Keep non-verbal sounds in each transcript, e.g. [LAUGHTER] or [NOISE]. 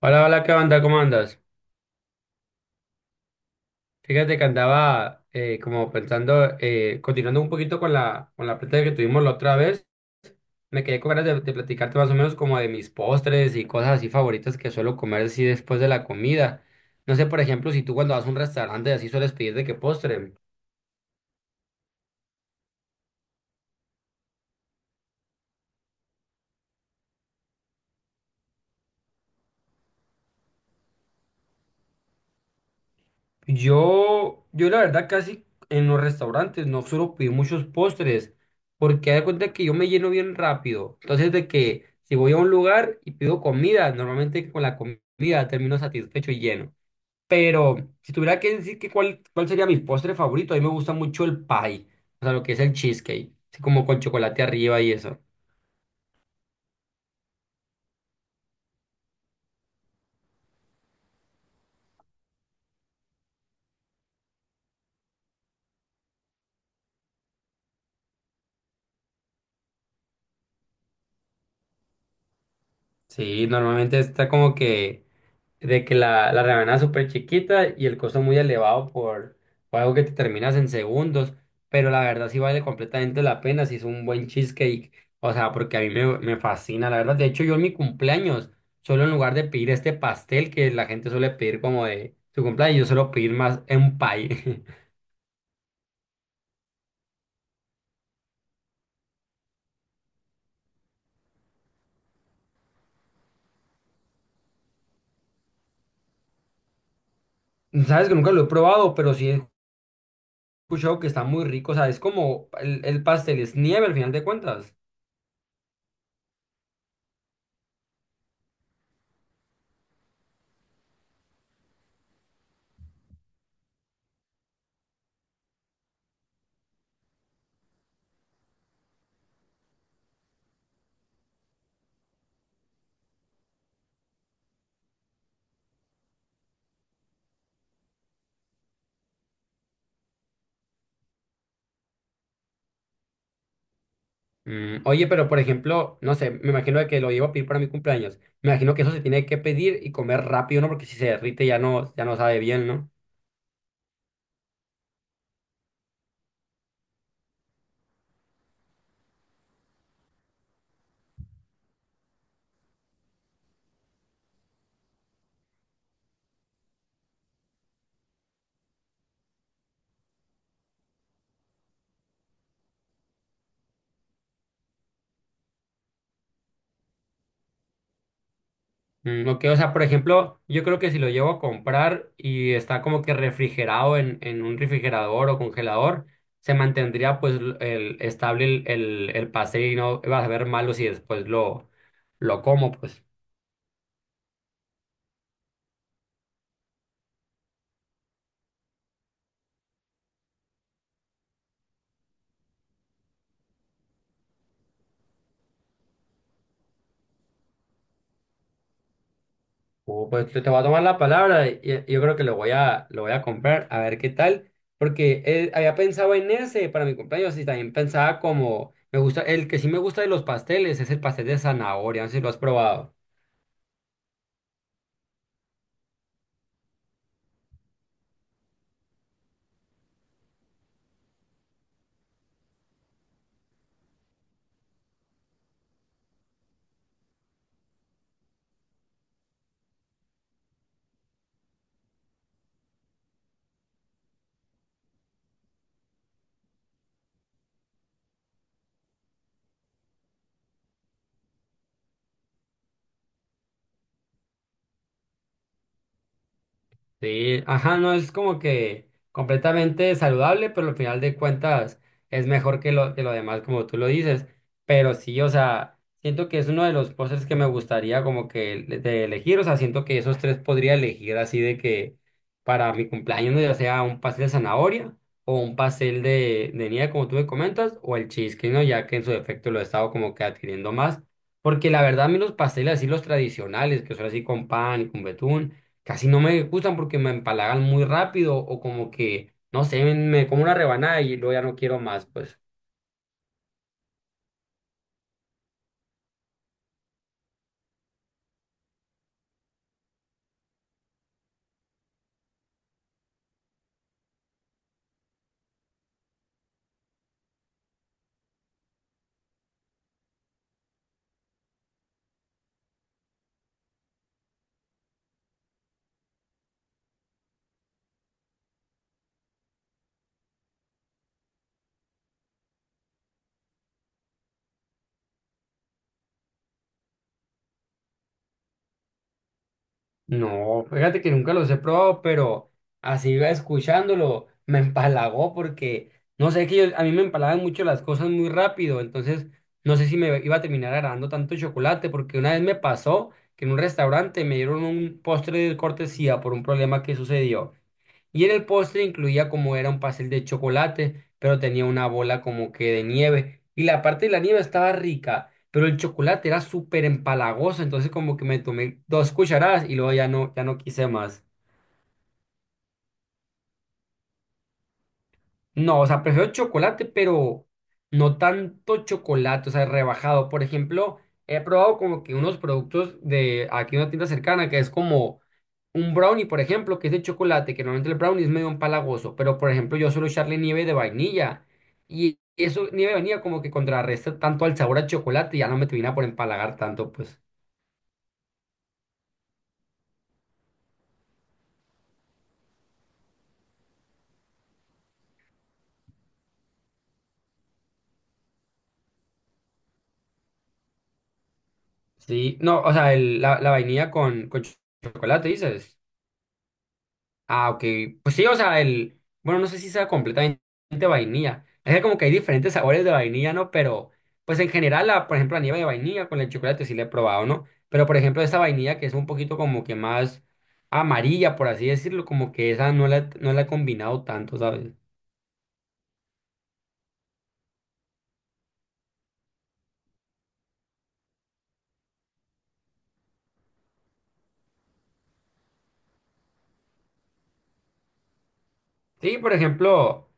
Hola, hola, ¿qué onda? ¿Cómo andas? Fíjate que andaba como pensando, continuando un poquito con con la plática que tuvimos la otra vez, me quedé con ganas de platicarte más o menos como de mis postres y cosas así favoritas que suelo comer así después de la comida. No sé, por ejemplo, si tú cuando vas a un restaurante así sueles pedir de qué postre. Yo la verdad casi en los restaurantes no suelo pedir muchos postres porque hay cuenta que yo me lleno bien rápido. Entonces de que si voy a un lugar y pido comida, normalmente con la comida termino satisfecho y lleno. Pero si tuviera que decir que cuál sería mi postre favorito, a mí me gusta mucho el pie, o sea, lo que es el cheesecake, así como con chocolate arriba y eso. Sí, normalmente está como que de que la rebanada es súper chiquita y el costo muy elevado por algo que te terminas en segundos, pero la verdad sí vale completamente la pena si es un buen cheesecake, o sea, porque a mí me fascina, la verdad. De hecho, yo en mi cumpleaños, solo en lugar de pedir este pastel que la gente suele pedir como de su cumpleaños, yo suelo pedir más un pie. [LAUGHS] Sabes que nunca lo he probado, pero sí he escuchado que está muy rico, o sea, es como el pastel, es nieve al final de cuentas. Mm, oye, pero por ejemplo, no sé, me imagino de que lo llevo a pedir para mi cumpleaños. Me imagino que eso se tiene que pedir y comer rápido, ¿no? Porque si se derrite ya no sabe bien, ¿no? Mm, ok, o sea, por ejemplo, yo creo que si lo llevo a comprar y está como que refrigerado en un refrigerador o congelador, se mantendría pues l- el, estable el pastel y no va a saber malo si después lo como, pues. Pues te voy a tomar la palabra y yo creo que lo voy a comprar a ver qué tal, porque había pensado en ese para mi cumpleaños y también pensaba como, me gusta, el que sí me gusta de los pasteles es el pastel de zanahoria, no sé si lo has probado. Sí, ajá, no es como que completamente saludable, pero al final de cuentas es mejor que que lo demás, como tú lo dices. Pero sí, o sea, siento que es uno de los postres que me gustaría como que le- de elegir, o sea, siento que esos tres podría elegir así de que para mi cumpleaños, ¿no? Ya sea un pastel de zanahoria o un pastel de nieve, como tú me comentas, o el cheesecake, ¿no? Ya que en su defecto lo he estado como que adquiriendo más. Porque la verdad, a mí los pasteles así, los tradicionales, que son así con pan y con betún casi no me gustan porque me empalagan muy rápido o como que, no sé, me como una rebanada y luego ya no quiero más, pues. No, fíjate que nunca los he probado, pero así iba escuchándolo, me empalagó porque, no sé, que yo- a mí me empalagan mucho las cosas muy rápido, entonces no sé si me iba a terminar agradando tanto chocolate porque una vez me pasó que en un restaurante me dieron un postre de cortesía por un problema que sucedió. Y en el postre incluía como era un pastel de chocolate, pero tenía una bola como que de nieve. Y la parte de la nieve estaba rica, pero el chocolate era súper empalagoso, entonces como que me tomé dos cucharadas y luego ya no quise más. No, o sea, prefiero chocolate, pero no tanto chocolate, o sea, rebajado. Por ejemplo, he probado como que unos productos de aquí una tienda cercana que es como un brownie, por ejemplo, que es de chocolate, que normalmente el brownie es medio empalagoso, pero por ejemplo, yo suelo echarle nieve de vainilla y eso, nieve de vainilla como que contrarresta tanto al sabor a chocolate y ya no me termina por empalagar tanto, pues. Sí, no, o sea, el- la vainilla con ch- chocolate, dices. Ah, ok. Pues sí, o sea, el, bueno, no sé si sea completamente vainilla. Es que como que hay diferentes sabores de vainilla, ¿no? Pero, pues en general, la, por ejemplo, la nieve de vainilla con el chocolate sí la he probado, ¿no? Pero, por ejemplo, esta vainilla que es un poquito como que más amarilla, por así decirlo, como que esa no la he combinado tanto, ¿sabes? Sí, por ejemplo,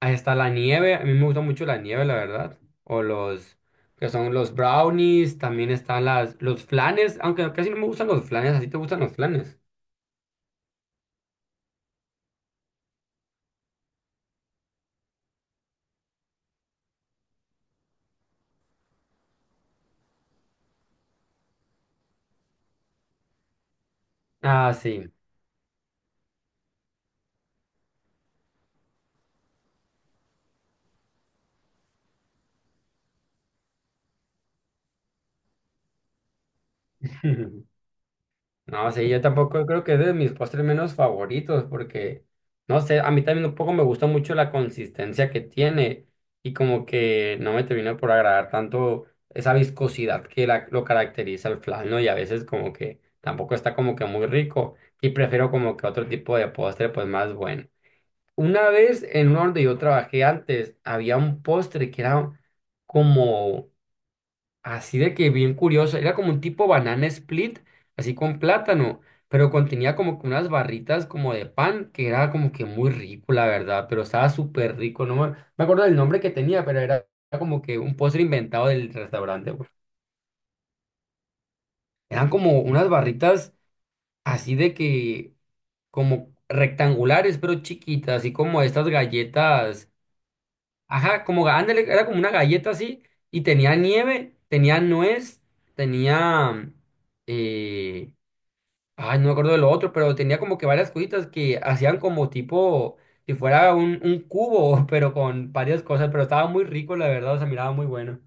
hasta la nieve, a mí me gusta mucho la nieve, la verdad. O los, que son los brownies, también están las, los flanes, aunque casi no me gustan los flanes, ¿así te gustan los flanes? Ah, sí. [LAUGHS] No, sí, yo tampoco creo que es de mis postres menos favoritos porque, no sé, a mí también un poco me gusta mucho la consistencia que tiene y como que no me termina por agradar tanto esa viscosidad que la- lo caracteriza el flan, ¿no? Y a veces como que tampoco está como que muy rico y prefiero como que otro tipo de postre pues más bueno. Una vez en uno donde yo trabajé antes había un postre que era como Así de que bien curioso, era como un tipo banana split, así con plátano, pero contenía como que unas barritas como de pan, que era como que muy rico, la verdad, pero estaba súper rico, no me, me acuerdo del nombre que tenía, pero era como que un postre inventado del restaurante, pues. Eran como unas barritas así de que, como rectangulares, pero chiquitas, así como estas galletas, ajá, como, ga- ándale, era como una galleta así, y tenía nieve, tenía nuez, tenía eh, ay, no me acuerdo de lo otro, pero tenía como que varias cositas que hacían como tipo, si fuera un cubo, [LAUGHS] pero con varias cosas, pero estaba muy rico, la verdad, o sea, miraba muy bueno.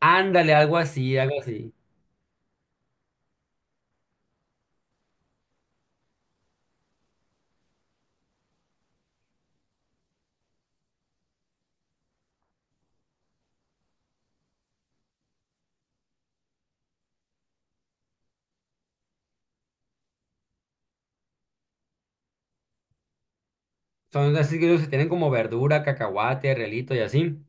Ándale, algo así, algo así. Son así que ellos tienen como verdura, cacahuate, relito y así.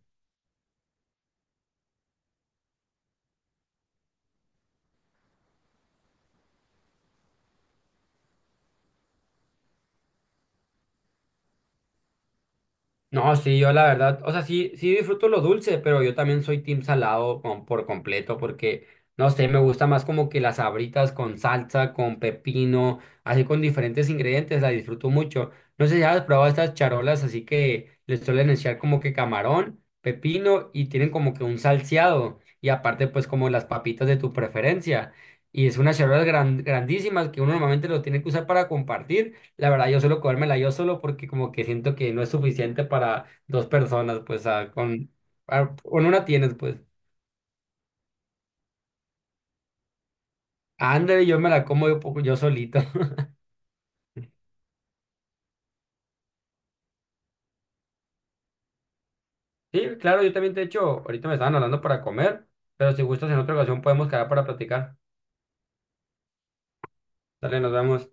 No, sí, yo la verdad, o sea, sí, sí disfruto lo dulce, pero yo también soy team salado con- por completo, porque, no sé, me gusta más como que las sabritas con salsa, con pepino, así con diferentes ingredientes, la disfruto mucho. No sé si has probado estas charolas, así que les suelen echar como que camarón, pepino y tienen como que un salseado y aparte pues como las papitas de tu preferencia. Y es unas charolas gran- grandísimas que uno normalmente lo tiene que usar para compartir. La verdad, yo suelo comérmela yo solo porque como que siento que no es suficiente para dos personas, pues, con una tienes, pues. Ándale, yo me la como yo, po- yo solito. [LAUGHS] Sí, claro, yo también, de hecho, ahorita me estaban hablando para comer, pero si gustas en otra ocasión podemos quedar para platicar. Dale, nos vemos.